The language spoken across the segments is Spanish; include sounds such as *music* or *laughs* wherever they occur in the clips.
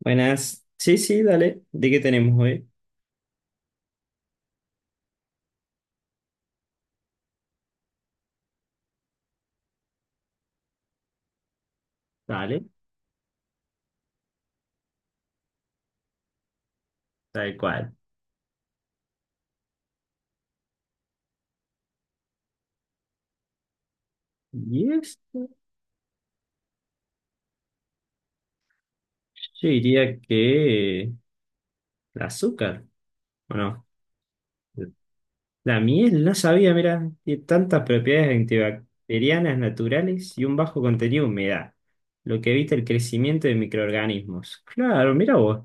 Buenas. Sí, sí, dale. ¿De qué tenemos hoy? Dale, tal cual. Y esto, yo diría que el azúcar, ¿o no? La miel, no sabía, mira, tiene tantas propiedades antibacterianas naturales y un bajo contenido de humedad, lo que evita el crecimiento de microorganismos. Claro, mira vos.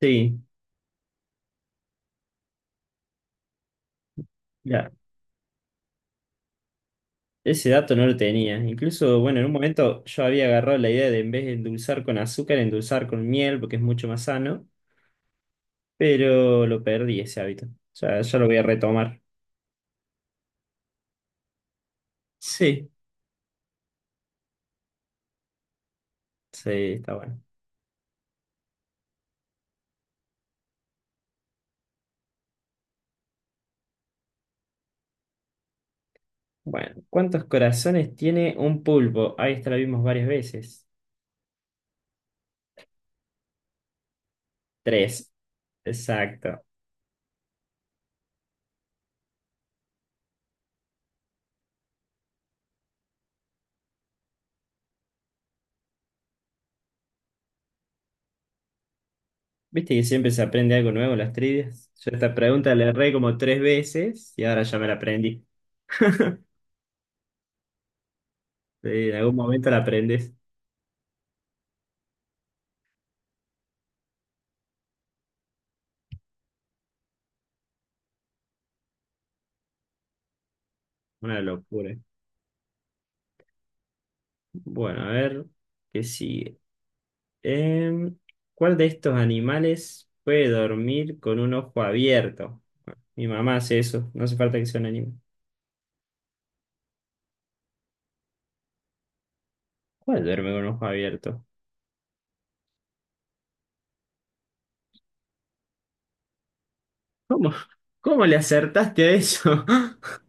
Sí, ya, ese dato no lo tenía. Incluso, bueno, en un momento yo había agarrado la idea de en vez de endulzar con azúcar, endulzar con miel, porque es mucho más sano. Pero lo perdí ese hábito. O sea, ya lo voy a retomar. Sí. Sí, está bueno. Bueno, ¿cuántos corazones tiene un pulpo? Ahí está, lo vimos varias veces. Tres, exacto. ¿Viste que siempre se aprende algo nuevo en las trivias? Yo esta pregunta la erré como tres veces y ahora ya me la aprendí. Sí, en algún momento la aprendes. Una locura. Bueno, a ver, ¿qué sigue? Em, ¿Cuál de estos animales puede dormir con un ojo abierto? Mi mamá hace eso, no hace falta que sea un anime. ¿Cuál duerme con ojo abierto? ¿Cómo? ¿Cómo le acertaste a eso? *laughs*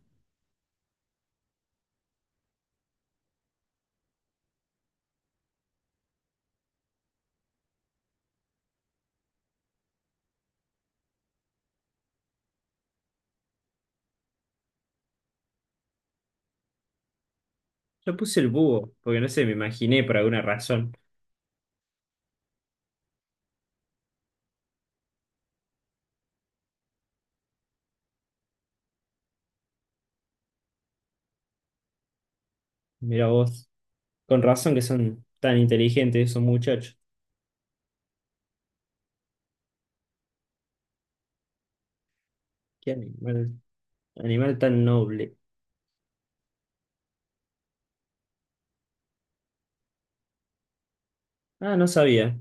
Yo puse el búho, porque no sé, me imaginé por alguna razón. Mira vos, con razón que son tan inteligentes esos muchachos. Qué animal, animal tan noble. Ah, no sabía,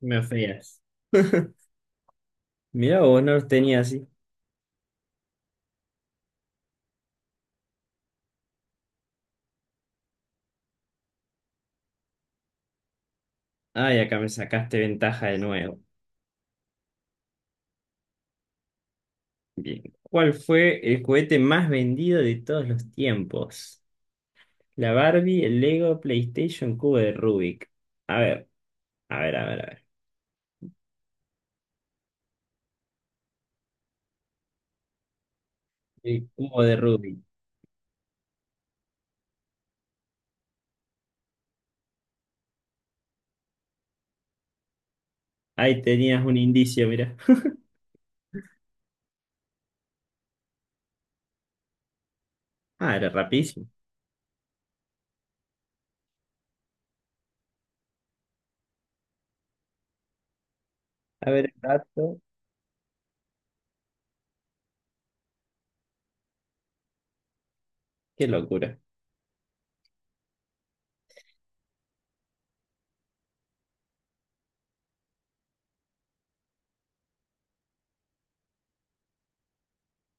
me ofendías. *laughs* Mira vos, no los tenía así. Ay, acá me sacaste ventaja de nuevo. Bien. ¿Cuál fue el juguete más vendido de todos los tiempos? La Barbie, el Lego, PlayStation, cubo de Rubik. A ver, a ver, a ver, a ver. El cubo de Rubik. Ahí tenías un indicio, mira. Ah, era rapidísimo. A ver, el dato. Qué locura.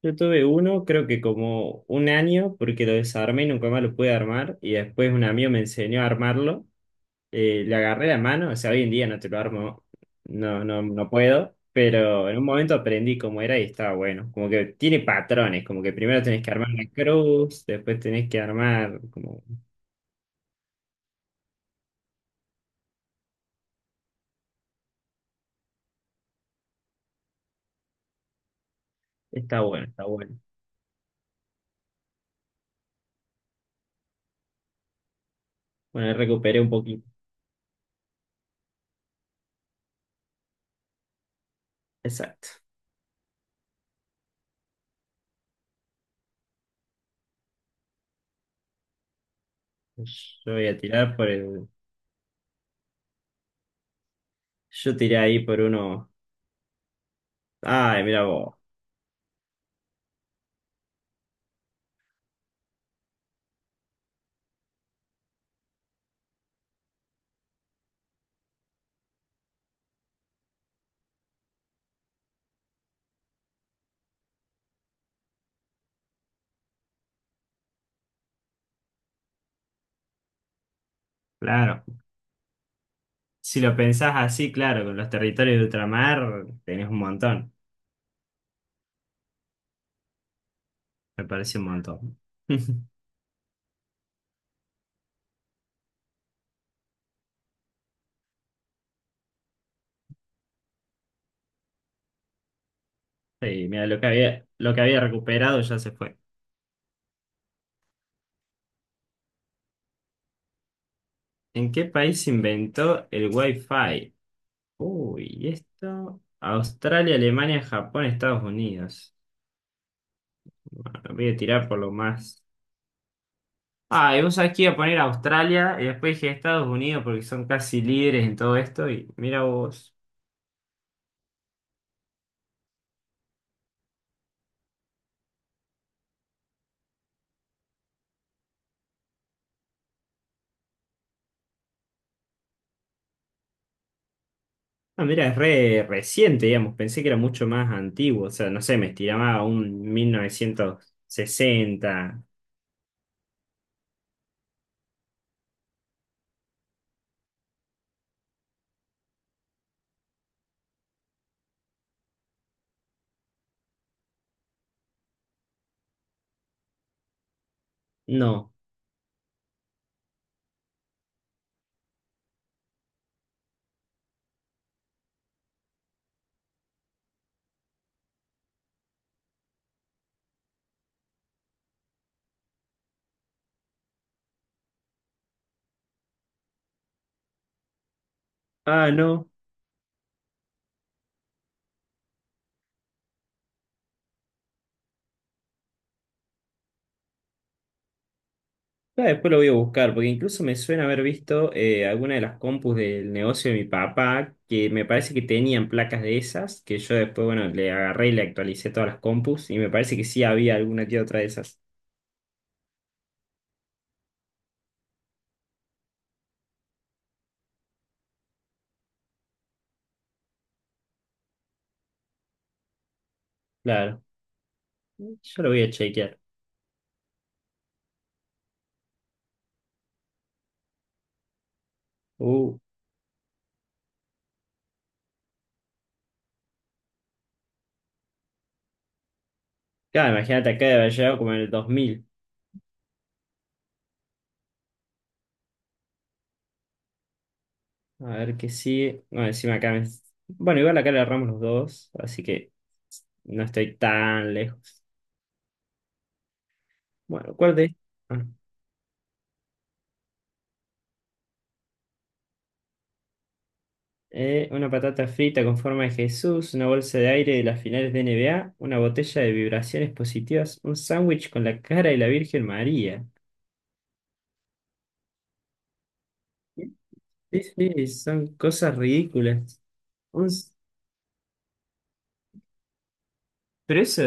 Yo tuve uno, creo que como un año, porque lo desarmé y nunca más lo pude armar. Y después un amigo me enseñó a armarlo. Le agarré la mano, o sea, hoy en día no te lo armo, no puedo, pero en un momento aprendí cómo era y estaba bueno. Como que tiene patrones, como que primero tenés que armar la cruz, después tenés que armar, como, está bueno, está bueno. Bueno, ahí recuperé un poquito. Exacto. Yo voy a tirar por el, yo tiré ahí por uno, ay, mira vos, claro. Si lo pensás así, claro, con los territorios de ultramar tenés un montón, me parece un montón. *laughs* Sí, mira, lo que había recuperado ya se fue. ¿En qué país se inventó el Wi-Fi? Uy, esto. Australia, Alemania, Japón, Estados Unidos. Bueno, voy a tirar por lo más. Ah, y vos sabés que iba a poner Australia y después dije Estados Unidos porque son casi líderes en todo esto. Y mira vos. Ah, mira, es re reciente, digamos. Pensé que era mucho más antiguo. O sea, no sé, me estiraba a un 1960. No. Ah, no. Ah, después lo voy a buscar, porque incluso me suena haber visto alguna de las compus del negocio de mi papá, que me parece que tenían placas de esas, que yo después, bueno, le agarré y le actualicé todas las compus, y me parece que sí había alguna que otra de esas. Claro. Yo lo voy a chequear. Uh, claro, imagínate acá de haber llegado como en el 2000. A ver que sí. No, encima acá me... Bueno, igual acá le agarramos los dos, así que no estoy tan lejos. Bueno, ¿cuál de? Ah, una patata frita con forma de Jesús, una bolsa de aire de las finales de NBA, una botella de vibraciones positivas, un sándwich con la cara de la Virgen María. Sí, sí, son cosas ridículas. Un... s- Pero eso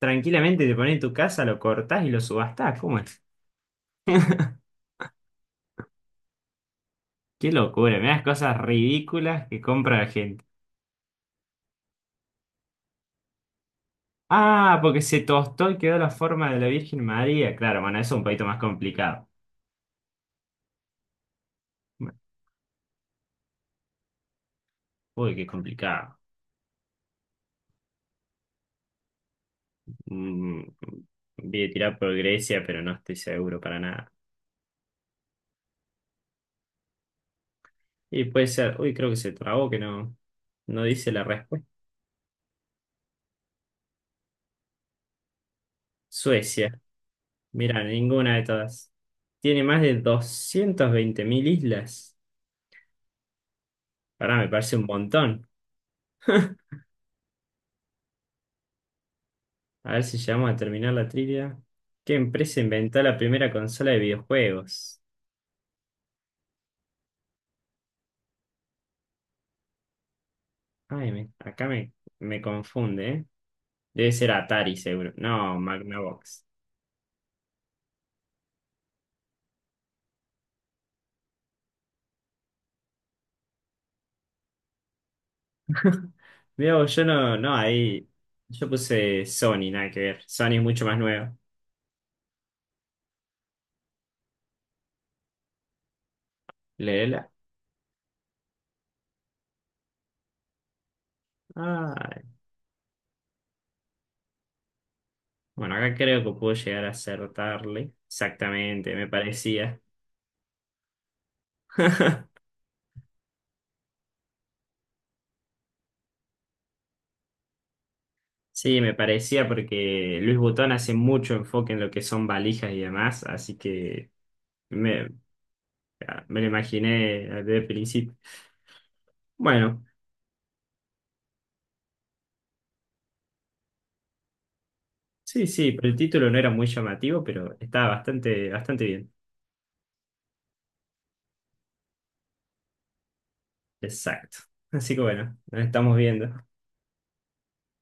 tranquilamente te pones en tu casa, lo cortás y lo subastás. ¿Cómo es? Qué locura, me das cosas ridículas que compra la gente. Ah, porque se tostó y quedó la forma de la Virgen María. Claro, bueno, eso es un poquito más complicado. Bueno, uy, qué complicado. Mm, voy a tirar por Grecia, pero no estoy seguro para nada. Y puede ser, uy, creo que se trabó, que no, no dice la respuesta. Suecia. Mira, ninguna de todas. Tiene más de 220.000 islas. Ahora me parece un montón. *laughs* A ver si llegamos a terminar la trivia. ¿Qué empresa inventó la primera consola de videojuegos? Ay, me- acá me, me confunde, ¿eh? Debe ser Atari, seguro. No, Magnavox. *laughs* Mira, vos, yo no, no, ahí. Yo puse Sony, nada que ver. Sony es mucho más nuevo. Leela. Ay. Bueno, acá creo que puedo llegar a acertarle. Exactamente, me parecía. *laughs* Sí, me parecía porque Luis Butón hace mucho enfoque en lo que son valijas y demás, así que me, me lo imaginé desde el principio. Bueno. Sí, sí, pero el título no era muy llamativo, pero estaba bastante, bastante bien. Exacto. Así que bueno, nos estamos viendo.